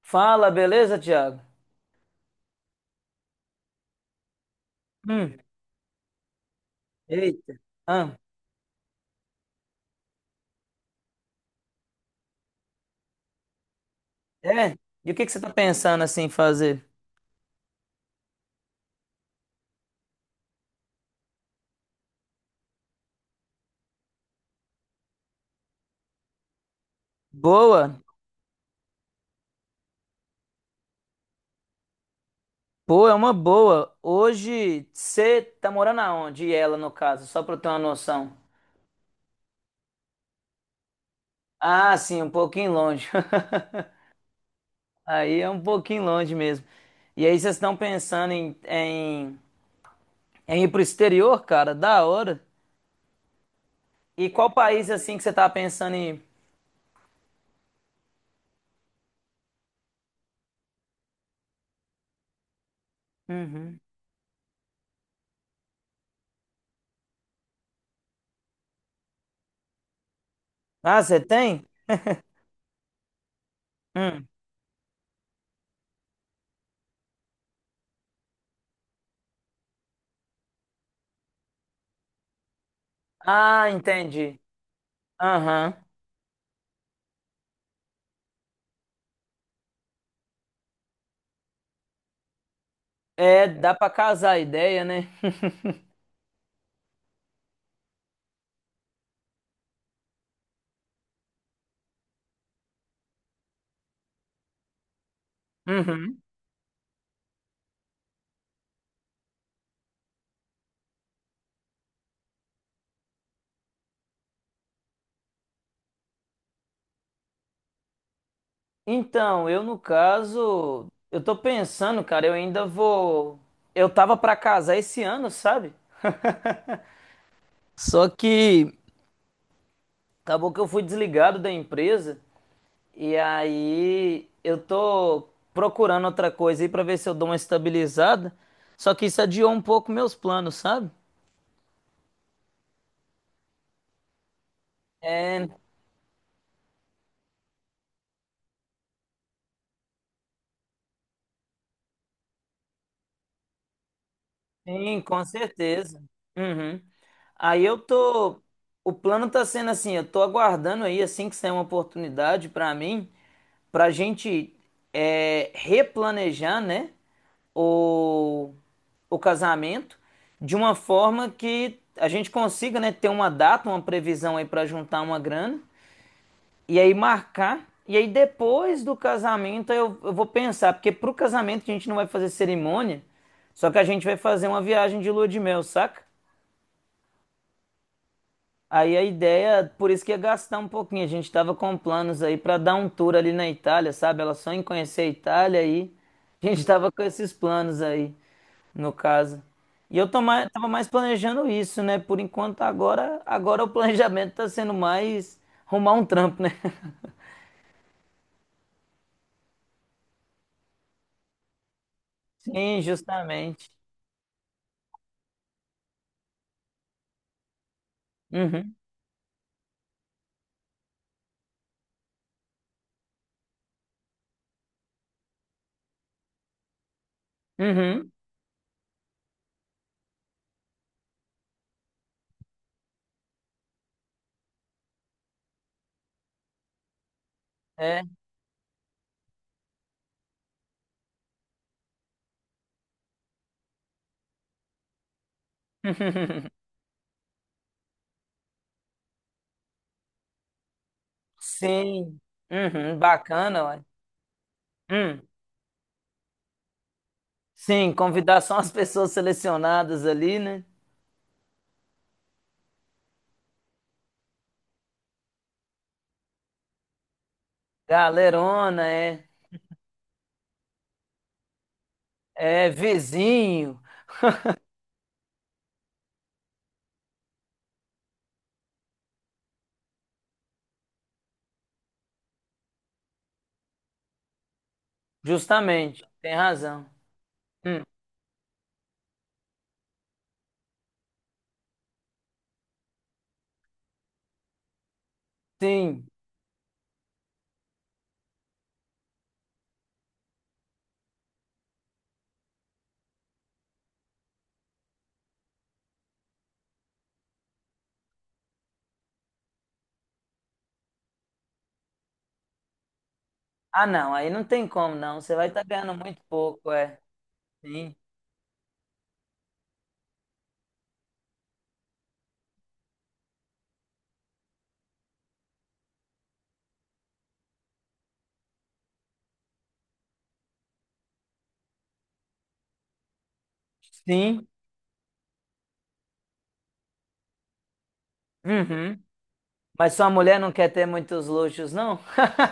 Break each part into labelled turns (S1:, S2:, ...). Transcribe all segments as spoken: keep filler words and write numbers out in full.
S1: Fala, beleza, Thiago? Hum, eita. Ah, é? E o que que você tá pensando assim fazer? Boa? Pô, é uma boa. Hoje você tá morando aonde? E ela, no caso, só pra eu ter uma noção. Ah, sim, um pouquinho longe. Aí é um pouquinho longe mesmo. E aí vocês estão pensando em, em, em ir pro exterior, cara? Da hora. E qual país assim que você tá pensando em ir? Uhum. Ah, você tem? Hum. Ah, entendi. Aham. É, dá pra casar a ideia, né? Uhum. Então, eu no caso, eu tô pensando, cara, eu ainda vou. Eu tava pra casar esse ano, sabe? Só que acabou que eu fui desligado da empresa e aí eu tô procurando outra coisa aí pra ver se eu dou uma estabilizada. Só que isso adiou um pouco meus planos, sabe? É, sim, com certeza. Uhum. Aí eu tô. O plano tá sendo assim, eu tô aguardando aí, assim que sair uma oportunidade para mim, pra gente é, replanejar, né, o, o casamento de uma forma que a gente consiga, né, ter uma data, uma previsão aí para juntar uma grana e aí marcar. E aí depois do casamento eu, eu vou pensar, porque pro casamento a gente não vai fazer cerimônia, só que a gente vai fazer uma viagem de lua de mel, saca? Aí a ideia, por isso que ia gastar um pouquinho, a gente tava com planos aí pra dar um tour ali na Itália, sabe? Ela só em conhecer a Itália aí. A gente tava com esses planos aí, no caso. E eu tô mais, tava mais planejando isso, né? Por enquanto agora, agora, o planejamento tá sendo mais arrumar um trampo, né? Sim, justamente. Uhum. Uhum. É, sim. Uhum, bacana, ué. Hum. Sim, convidar só as pessoas selecionadas ali, né? Galerona, é, é vizinho, justamente. Tem razão. Hum. Sim. Ah, não, aí não tem como, não. Você vai estar ganhando muito pouco, é. Sim. Sim. Uhum. Mas sua mulher não quer ter muitos luxos, não?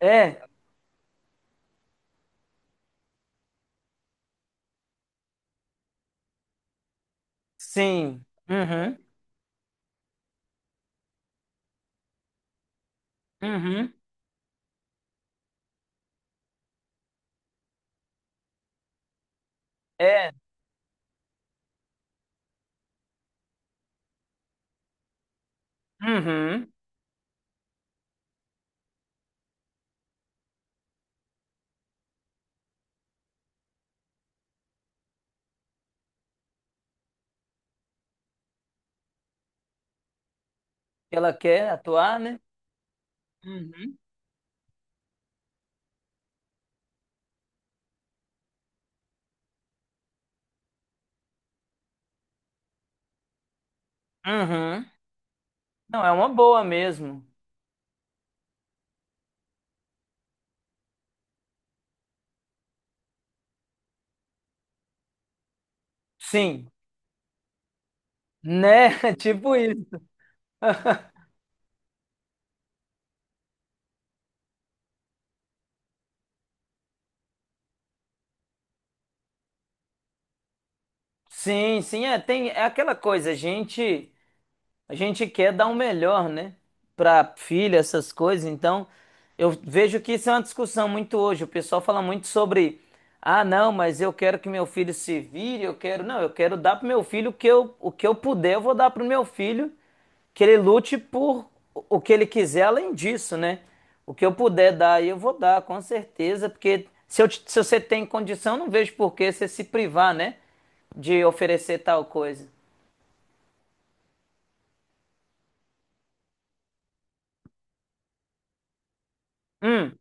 S1: É. Sim. Uhum. Uhum. É. Uhum. Ela quer atuar, né? Uhum. Uhum. Não, é uma boa mesmo. Sim, né? Tipo isso. Sim, sim, é, tem, é aquela coisa, a gente. A gente quer dar o melhor, né? Para filha, essas coisas. Então, eu vejo que isso é uma discussão muito hoje. O pessoal fala muito sobre, ah, não, mas eu quero que meu filho se vire, eu quero. Não, eu quero dar pro meu filho o que eu, o que eu puder, eu vou dar pro meu filho que ele lute por o o que ele quiser além disso, né? O que eu puder dar, eu vou dar, com certeza, porque se, eu, te- se você tem condição, não vejo por que você se privar, né? De oferecer tal coisa. Hum,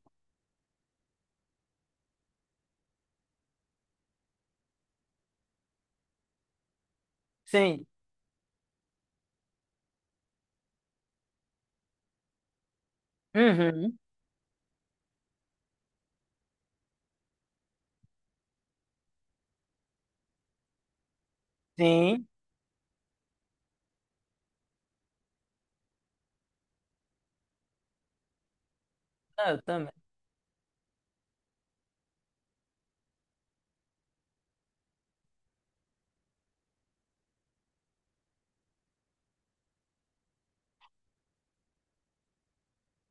S1: sim. Uhum. Sim. Ah, eu também.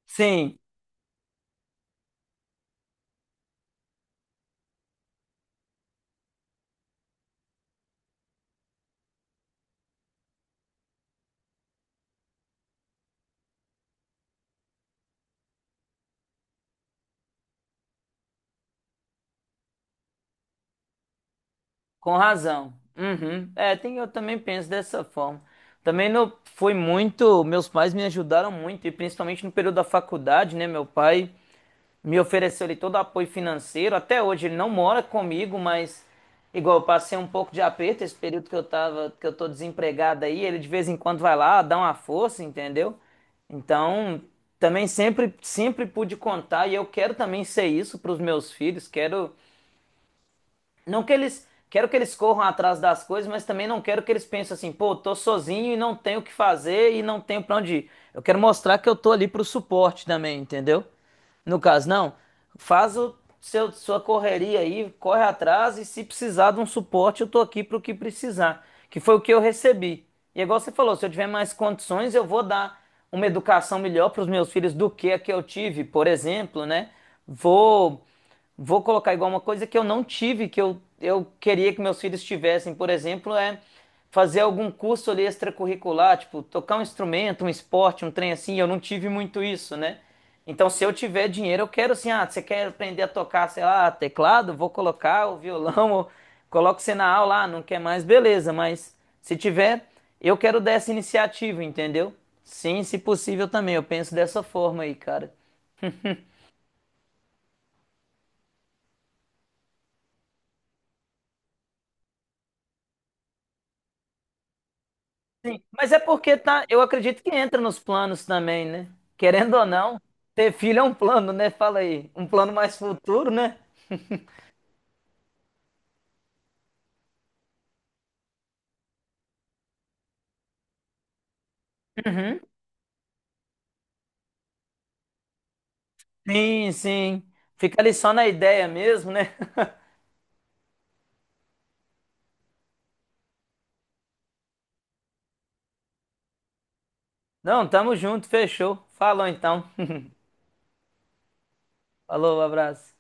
S1: Sim, com razão. Uhum. É, tem, eu também penso dessa forma. Também não foi muito, meus pais me ajudaram muito, e principalmente no período da faculdade, né? Meu pai me ofereceu ali todo o apoio financeiro. Até hoje ele não mora comigo, mas igual eu passei um pouco de aperto esse período que eu tava, que eu tô desempregado aí, ele de vez em quando vai lá, dá uma força, entendeu? Então, também sempre, sempre pude contar e eu quero também ser isso para os meus filhos. Quero Não que eles. Quero que eles corram atrás das coisas, mas também não quero que eles pensem assim, pô, tô sozinho e não tenho o que fazer e não tenho pra onde ir. Eu quero mostrar que eu tô ali pro suporte também, entendeu? No caso, não. Faz o seu, sua correria aí, corre atrás e se precisar de um suporte, eu tô aqui pro que precisar. Que foi o que eu recebi. E é igual você falou, se eu tiver mais condições, eu vou dar uma educação melhor pros meus filhos do que a que eu tive, por exemplo, né? Vou vou colocar igual uma coisa que eu não tive, que eu, eu queria que meus filhos tivessem, por exemplo, é fazer algum curso ali extracurricular, tipo, tocar um instrumento, um esporte, um trem assim, eu não tive muito isso, né? Então, se eu tiver dinheiro, eu quero assim, ah, você quer aprender a tocar, sei lá, teclado? Vou colocar o violão, ou coloco você na aula, ah, não quer mais, beleza, mas se tiver, eu quero dar essa iniciativa, entendeu? Sim, se possível também, eu penso dessa forma aí, cara. Sim, mas é porque tá, eu acredito que entra nos planos também, né? Querendo ou não, ter filho é um plano, né? Fala aí, um plano mais futuro, né? Uhum. Sim, sim. Fica ali só na ideia mesmo, né? Não, tamo junto, fechou. Falou então. Falou, um abraço.